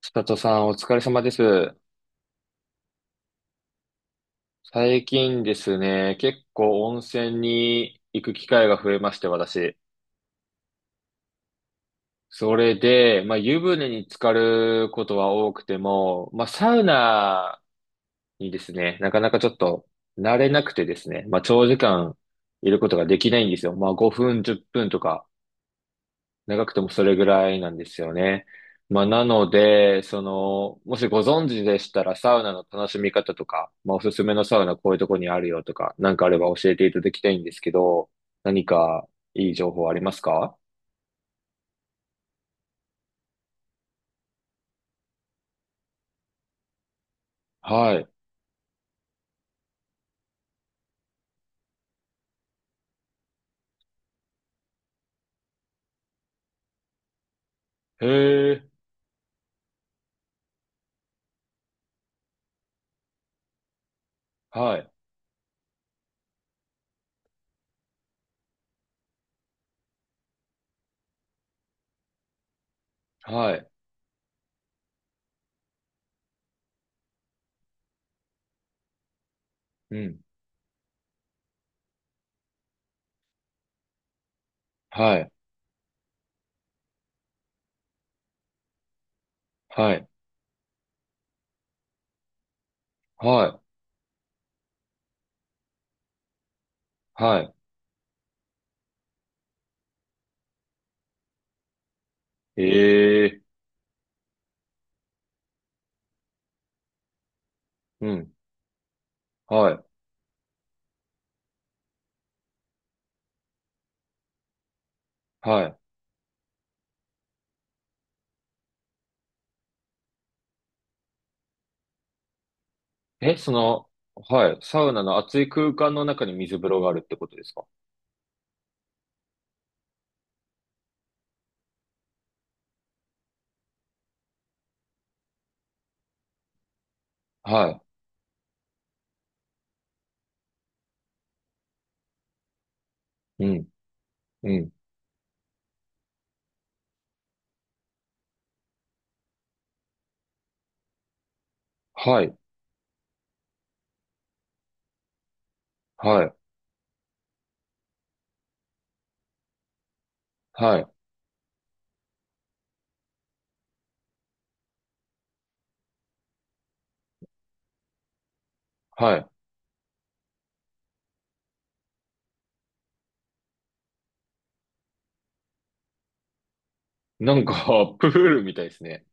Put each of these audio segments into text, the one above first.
千里さん、お疲れ様です。最近ですね、結構温泉に行く機会が増えまして、私。それで、まあ、湯船に浸かることは多くても、まあ、サウナにですね、なかなかちょっと慣れなくてですね、まあ、長時間いることができないんですよ。まあ、5分、10分とか長くてもそれぐらいなんですよね。まあ、なので、その、もしご存知でしたら、サウナの楽しみ方とか、まあ、おすすめのサウナこういうとこにあるよとか、なんかあれば教えていただきたいんですけど、何かいい情報ありますか？はい。へえ、はい、はい、うん、はい、はい、はい、はい、ええ、うん、はい、はい。え、その、はい、サウナの熱い空間の中に水風呂があるってことですか？はい、うん、うん、はい。はい。はい。はい。なんか、プールみたいですね。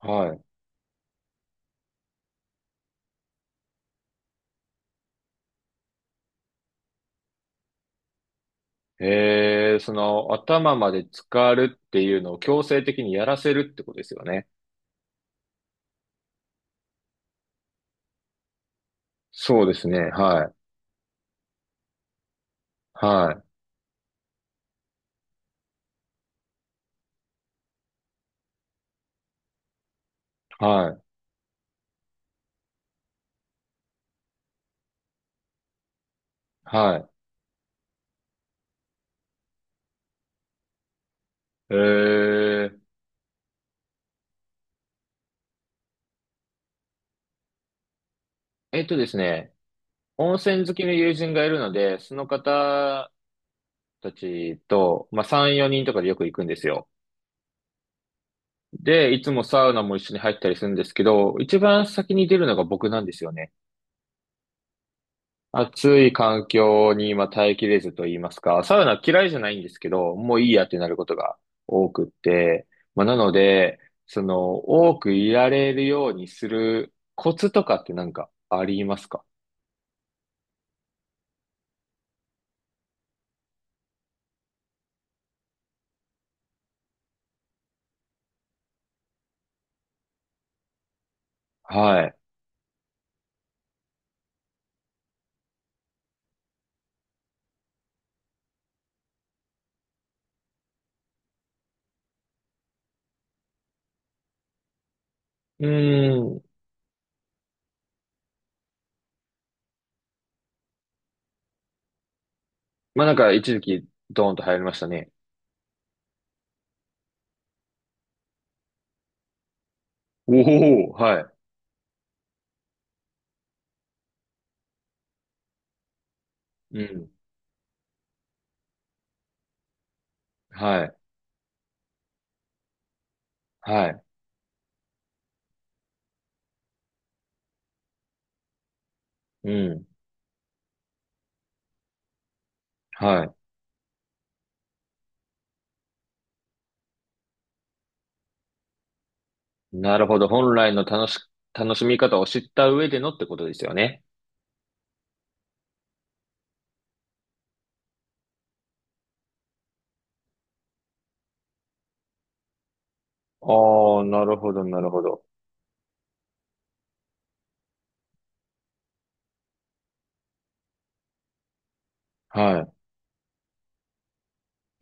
はい。その、頭まで浸かるっていうのを強制的にやらせるってことですよね。そうですね。はい。はい。はい。はい。えー、えっとですね。温泉好きの友人がいるので、その方たちと、まあ、3、4人とかでよく行くんですよ。で、いつもサウナも一緒に入ったりするんですけど、一番先に出るのが僕なんですよね。暑い環境に今耐えきれずと言いますか、サウナ嫌いじゃないんですけど、もういいやってなることが多くって、まあ、なので、その、多くいられるようにするコツとかってなんかありますか？はい。うーん。まあ、なんか一時期ドーンと流行りましたね。おお、はい。うん。はい。はい。うん。はい。なるほど。本来の楽しみ方を知った上でのってことですよね。ああ、なるほど、なるほど。はい。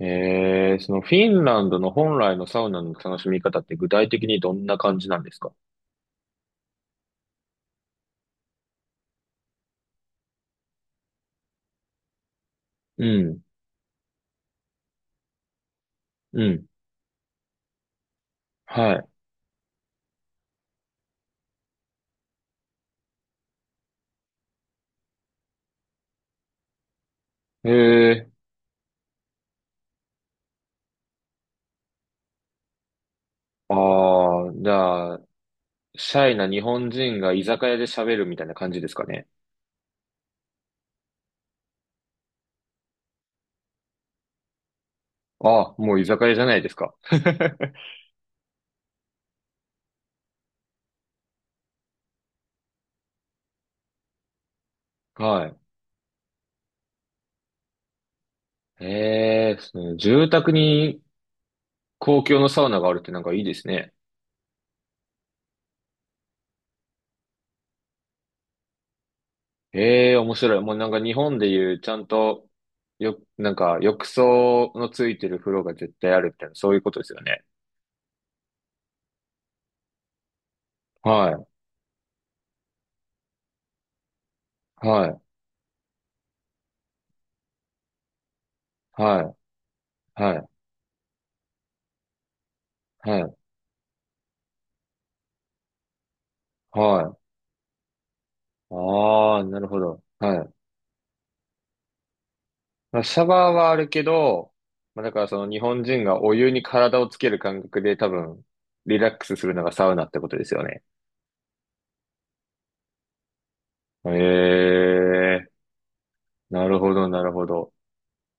そのフィンランドの本来のサウナの楽しみ方って具体的にどんな感じなんですか？うん、うん、はい。ああ、じゃあ、シャイな日本人が居酒屋で喋るみたいな感じですかね。あ、もう居酒屋じゃないですか。はい。その住宅に公共のサウナがあるってなんかいいですね。ええ面白い。もうなんか日本でいうちゃんと、なんか浴槽のついてる風呂が絶対あるみたいな、そういうことですよね。はい、はい、はい、はい、はい、はい。ああ、なるほど。はい。まあ、シャワーはあるけど、まあ、だからその日本人がお湯に体をつける感覚で多分、リラックスするのがサウナってことですよね。ええ、なるほど、なるほど。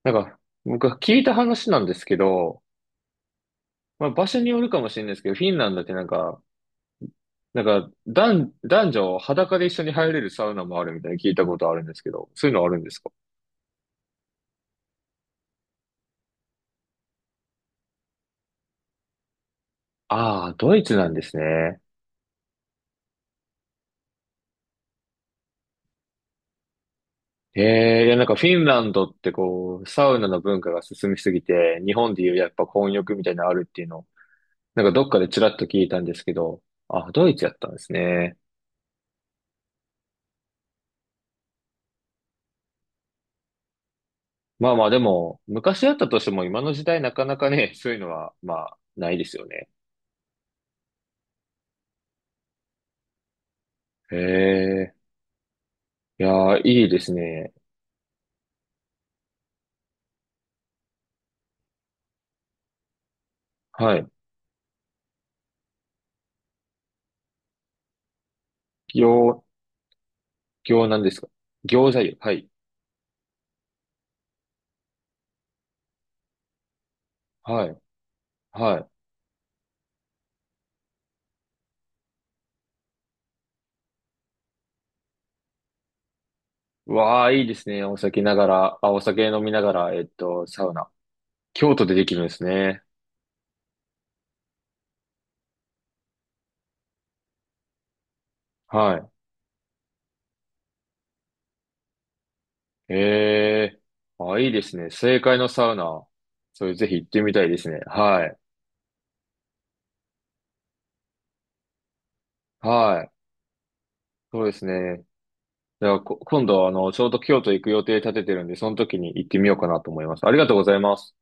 なんか、僕は聞いた話なんですけど、まあ、場所によるかもしれないですけど、フィンランドってなんか、男女裸で一緒に入れるサウナもあるみたいに聞いたことあるんですけど、そういうのあるんですか？ああー、ドイツなんですね。ええいやなんかフィンランドってこう、サウナの文化が進みすぎて、日本でいうやっぱ混浴みたいなのあるっていうの、なんかどっかでちらっと聞いたんですけど、あ、ドイツやったんですね。まあまあでも、昔やったとしても今の時代なかなかね、そういうのは、まあ、ないですよね。へえいやー、いいですね。はい。行、行なんですか？餃子湯。はい。はい。はい。うわあ、いいですね。お酒ながら、あ、お酒飲みながら、サウナ。京都でできるんですね。はい。ええあ、いいですね。正解のサウナ。それぜひ行ってみたいですね。はい。はい。そうですね。じゃあ、今度、ちょうど京都行く予定立ててるんで、その時に行ってみようかなと思います。ありがとうございます。